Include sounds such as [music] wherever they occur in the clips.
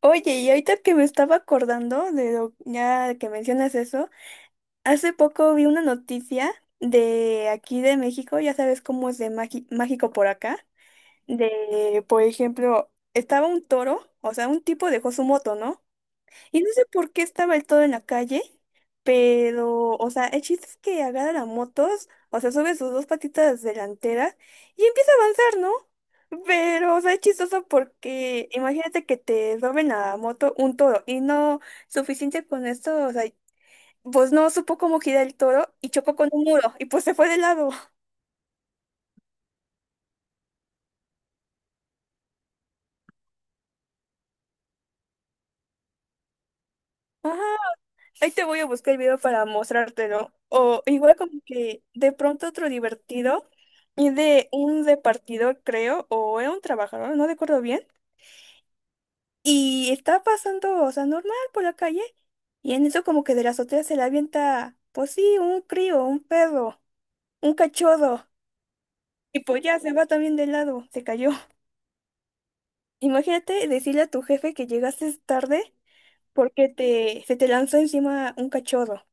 Oye, y ahorita que me estaba acordando de lo ya que mencionas eso, hace poco vi una noticia de aquí de México. Ya sabes cómo es de mágico por acá. De, por ejemplo, estaba un toro, o sea, un tipo dejó su moto, ¿no? Y no sé por qué estaba el todo en la calle, pero, o sea, el chiste es que agarra la motos, o sea, sube sus dos patitas delanteras y empieza a avanzar, ¿no? Pero, o sea, es chistoso porque imagínate que te roben la moto un toro, y no suficiente con esto, o sea, pues no supo cómo girar el toro y chocó con un muro y pues se fue de lado. [laughs] Ajá. Ahí te voy a buscar el video para mostrártelo. O igual como que de pronto otro divertido y de un repartidor, creo, o era un trabajador, no recuerdo bien. Y está pasando, o sea, normal por la calle. Y en eso como que de la azotea se le avienta, pues sí, un crío, un perro, un cachorro. Y pues ya se va también de lado, se cayó. [laughs] Imagínate decirle a tu jefe que llegaste tarde porque se te lanzó encima un cachorro.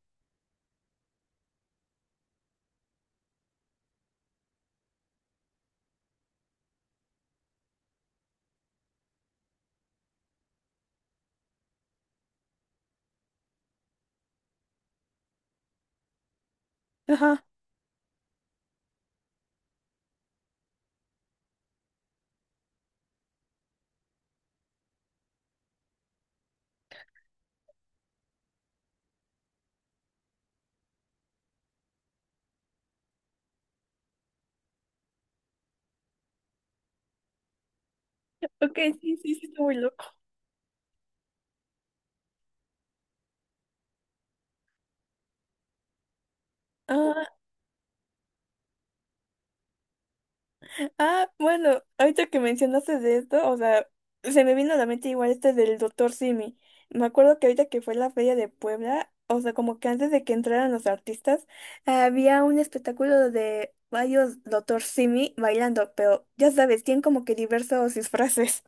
Ajá. Ok, sí, sí, sí, está muy loco. Ah. Ah, bueno, ahorita que mencionaste de esto, o sea, se me vino a la mente igual este del doctor Simi. Me acuerdo que ahorita que fue la feria de Puebla, o sea, como que antes de que entraran los artistas, había un espectáculo de varios doctor Simi bailando, pero ya sabes, tienen como que diversos disfraces.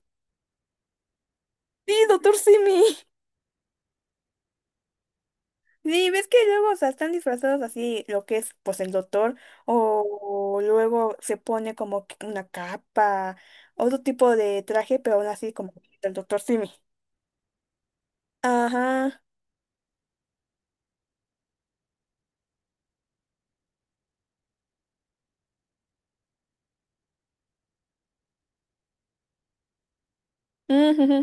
Sí, doctor Simi. Sí, ves que luego, o sea, están disfrazados así, lo que es, pues, el doctor, o luego se pone como que una capa, otro tipo de traje, pero aún así como el doctor Simi. Ajá. Ujujú.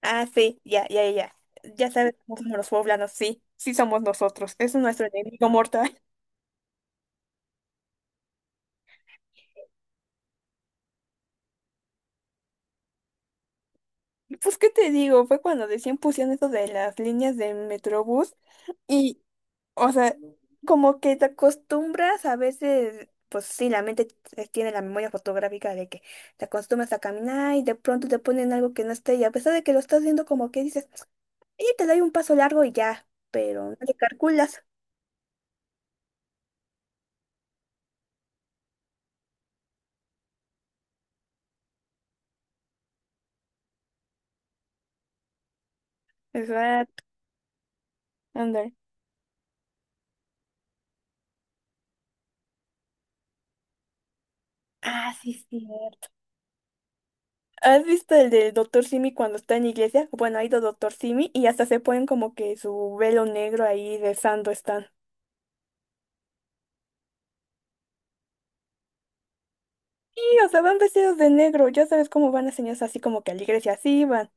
Ah, sí, ya, ya, ya. Ya sabes cómo somos los poblanos, sí, sí somos nosotros, es nuestro enemigo mortal. [laughs] Pues, ¿qué te digo? Fue cuando decían pusieron eso de las líneas de Metrobús. y, O sea, como que te acostumbras a veces, pues sí, la mente tiene la memoria fotográfica de que te acostumbras a caminar y de pronto te ponen algo que no esté, y a pesar de que lo estás viendo como que dices, oye, te doy un paso largo y ya, pero no te calculas. Exacto, ándale. Ah, sí, cierto. ¿Has visto el del doctor Simi cuando está en la iglesia? Bueno, ha ido doctor Simi y hasta se ponen como que su velo negro ahí de están. Sí, o sea, van vestidos de negro, ya sabes cómo van las señoras, así como que a la iglesia así van.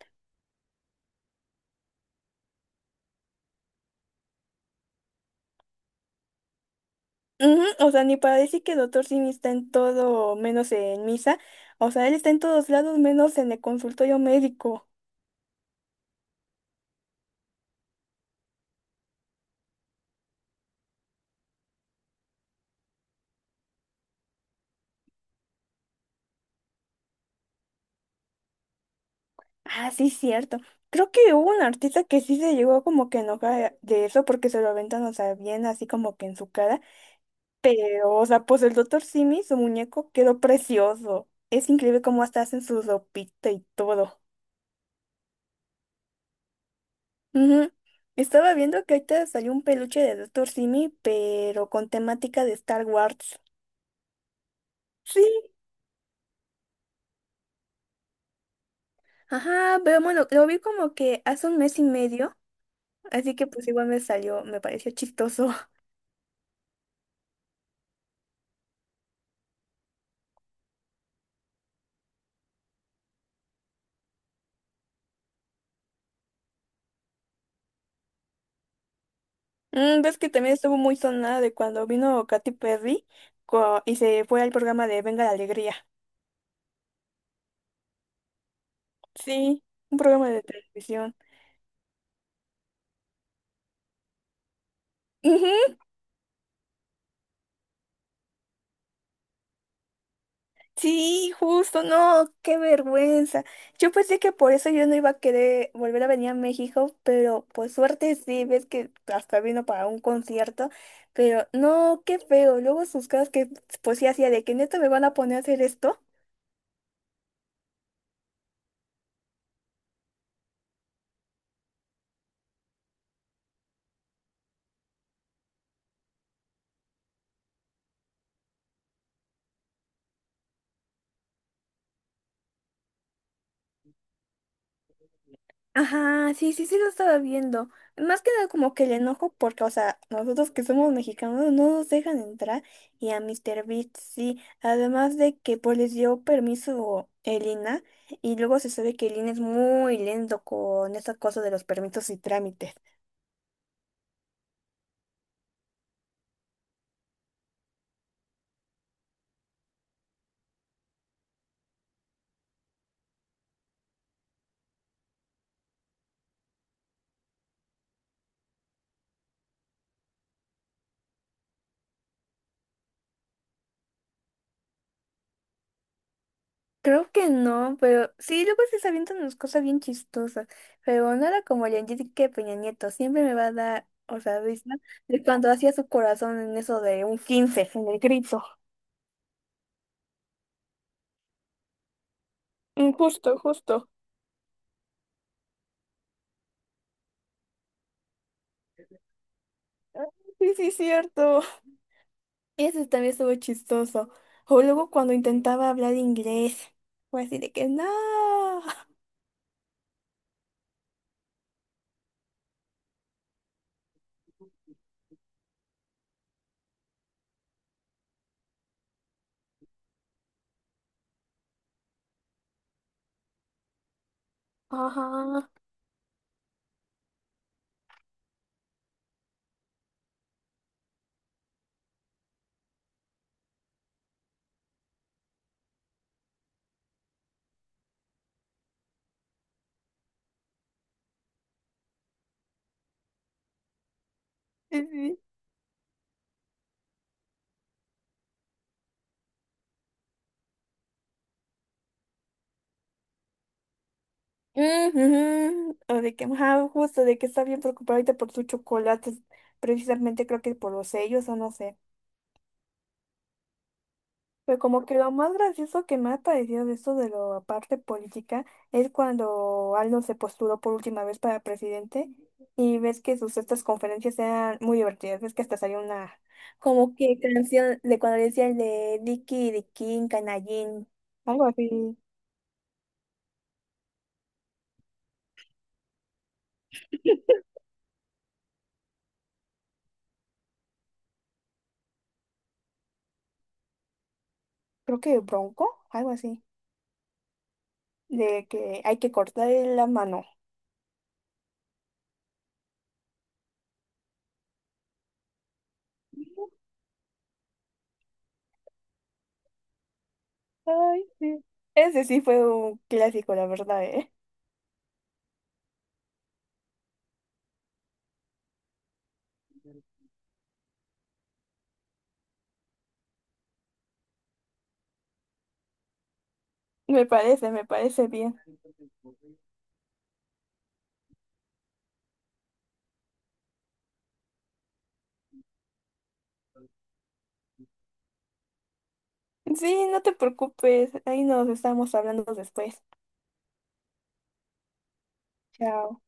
Ujú. O sea, ni para decir que Doctor Simi está en todo, menos en misa. O sea, él está en todos lados, menos en el consultorio médico. Ah, sí, cierto. Creo que hubo un artista que sí se llegó como que a enojar de eso porque se lo aventan, o sea, bien así como que en su cara. Pero, o sea, pues el Doctor Simi, su muñeco, quedó precioso. Es increíble cómo hasta hacen su ropita y todo. Ujú. Estaba viendo que ahorita salió un peluche de Doctor Simi, pero con temática de Star Wars. Sí. Ajá, pero bueno, lo vi como que hace un mes y medio, así que pues igual me salió, me pareció chistoso. [laughs] Mm, ves que también estuvo muy sonada de cuando vino Katy Perry y se fue al programa de Venga la Alegría. Sí, un programa de televisión. Ujú. Sí, justo, no, qué vergüenza. Yo pensé que por eso yo no iba a querer volver a venir a México, pero por suerte sí, ves que hasta vino para un concierto, pero no, qué feo. Luego sus caras que pues sí hacía de que neta me van a poner a hacer esto. Ajá, sí, sí, sí lo estaba viendo. Más que nada como que el enojo porque, o sea, nosotros que somos mexicanos no nos dejan entrar, y a Mr. Beast sí. Además de que pues les dio permiso Elina, y luego se sabe que Elina es muy lento con esa cosa de los permisos y trámites. Creo que no, pero sí, luego se avientan unas cosas bien chistosas. Pero nada como el Enrique Peña Nieto. Siempre me va a dar, o sea, risa de cuando hacía su corazón en eso de un 15 en el grito. Mm, justo, justo. Sí, sí, cierto. Eso también estuvo chistoso. O luego cuando intentaba hablar inglés, fue así de que no. Ajá. Sí, sí. Ujú. O de que, ajá, justo, de que está bien preocupada ahorita por sus chocolates. Precisamente creo que por los sellos o no sé. Pero como que lo más gracioso que me ha parecido de esto de la parte política es cuando Aldo se postuló por última vez para presidente, y ves que sus estas conferencias eran muy divertidas, ves que hasta salió una como que canción de cuando le decían de Dicky, Dicky, Canallín, algo así, creo que Bronco, algo así, de que hay que cortar la mano. Ay, sí. Ese sí fue un clásico, la verdad, ¿eh? Me parece bien. Sí, no te preocupes. Ahí nos estamos hablando después. Chao.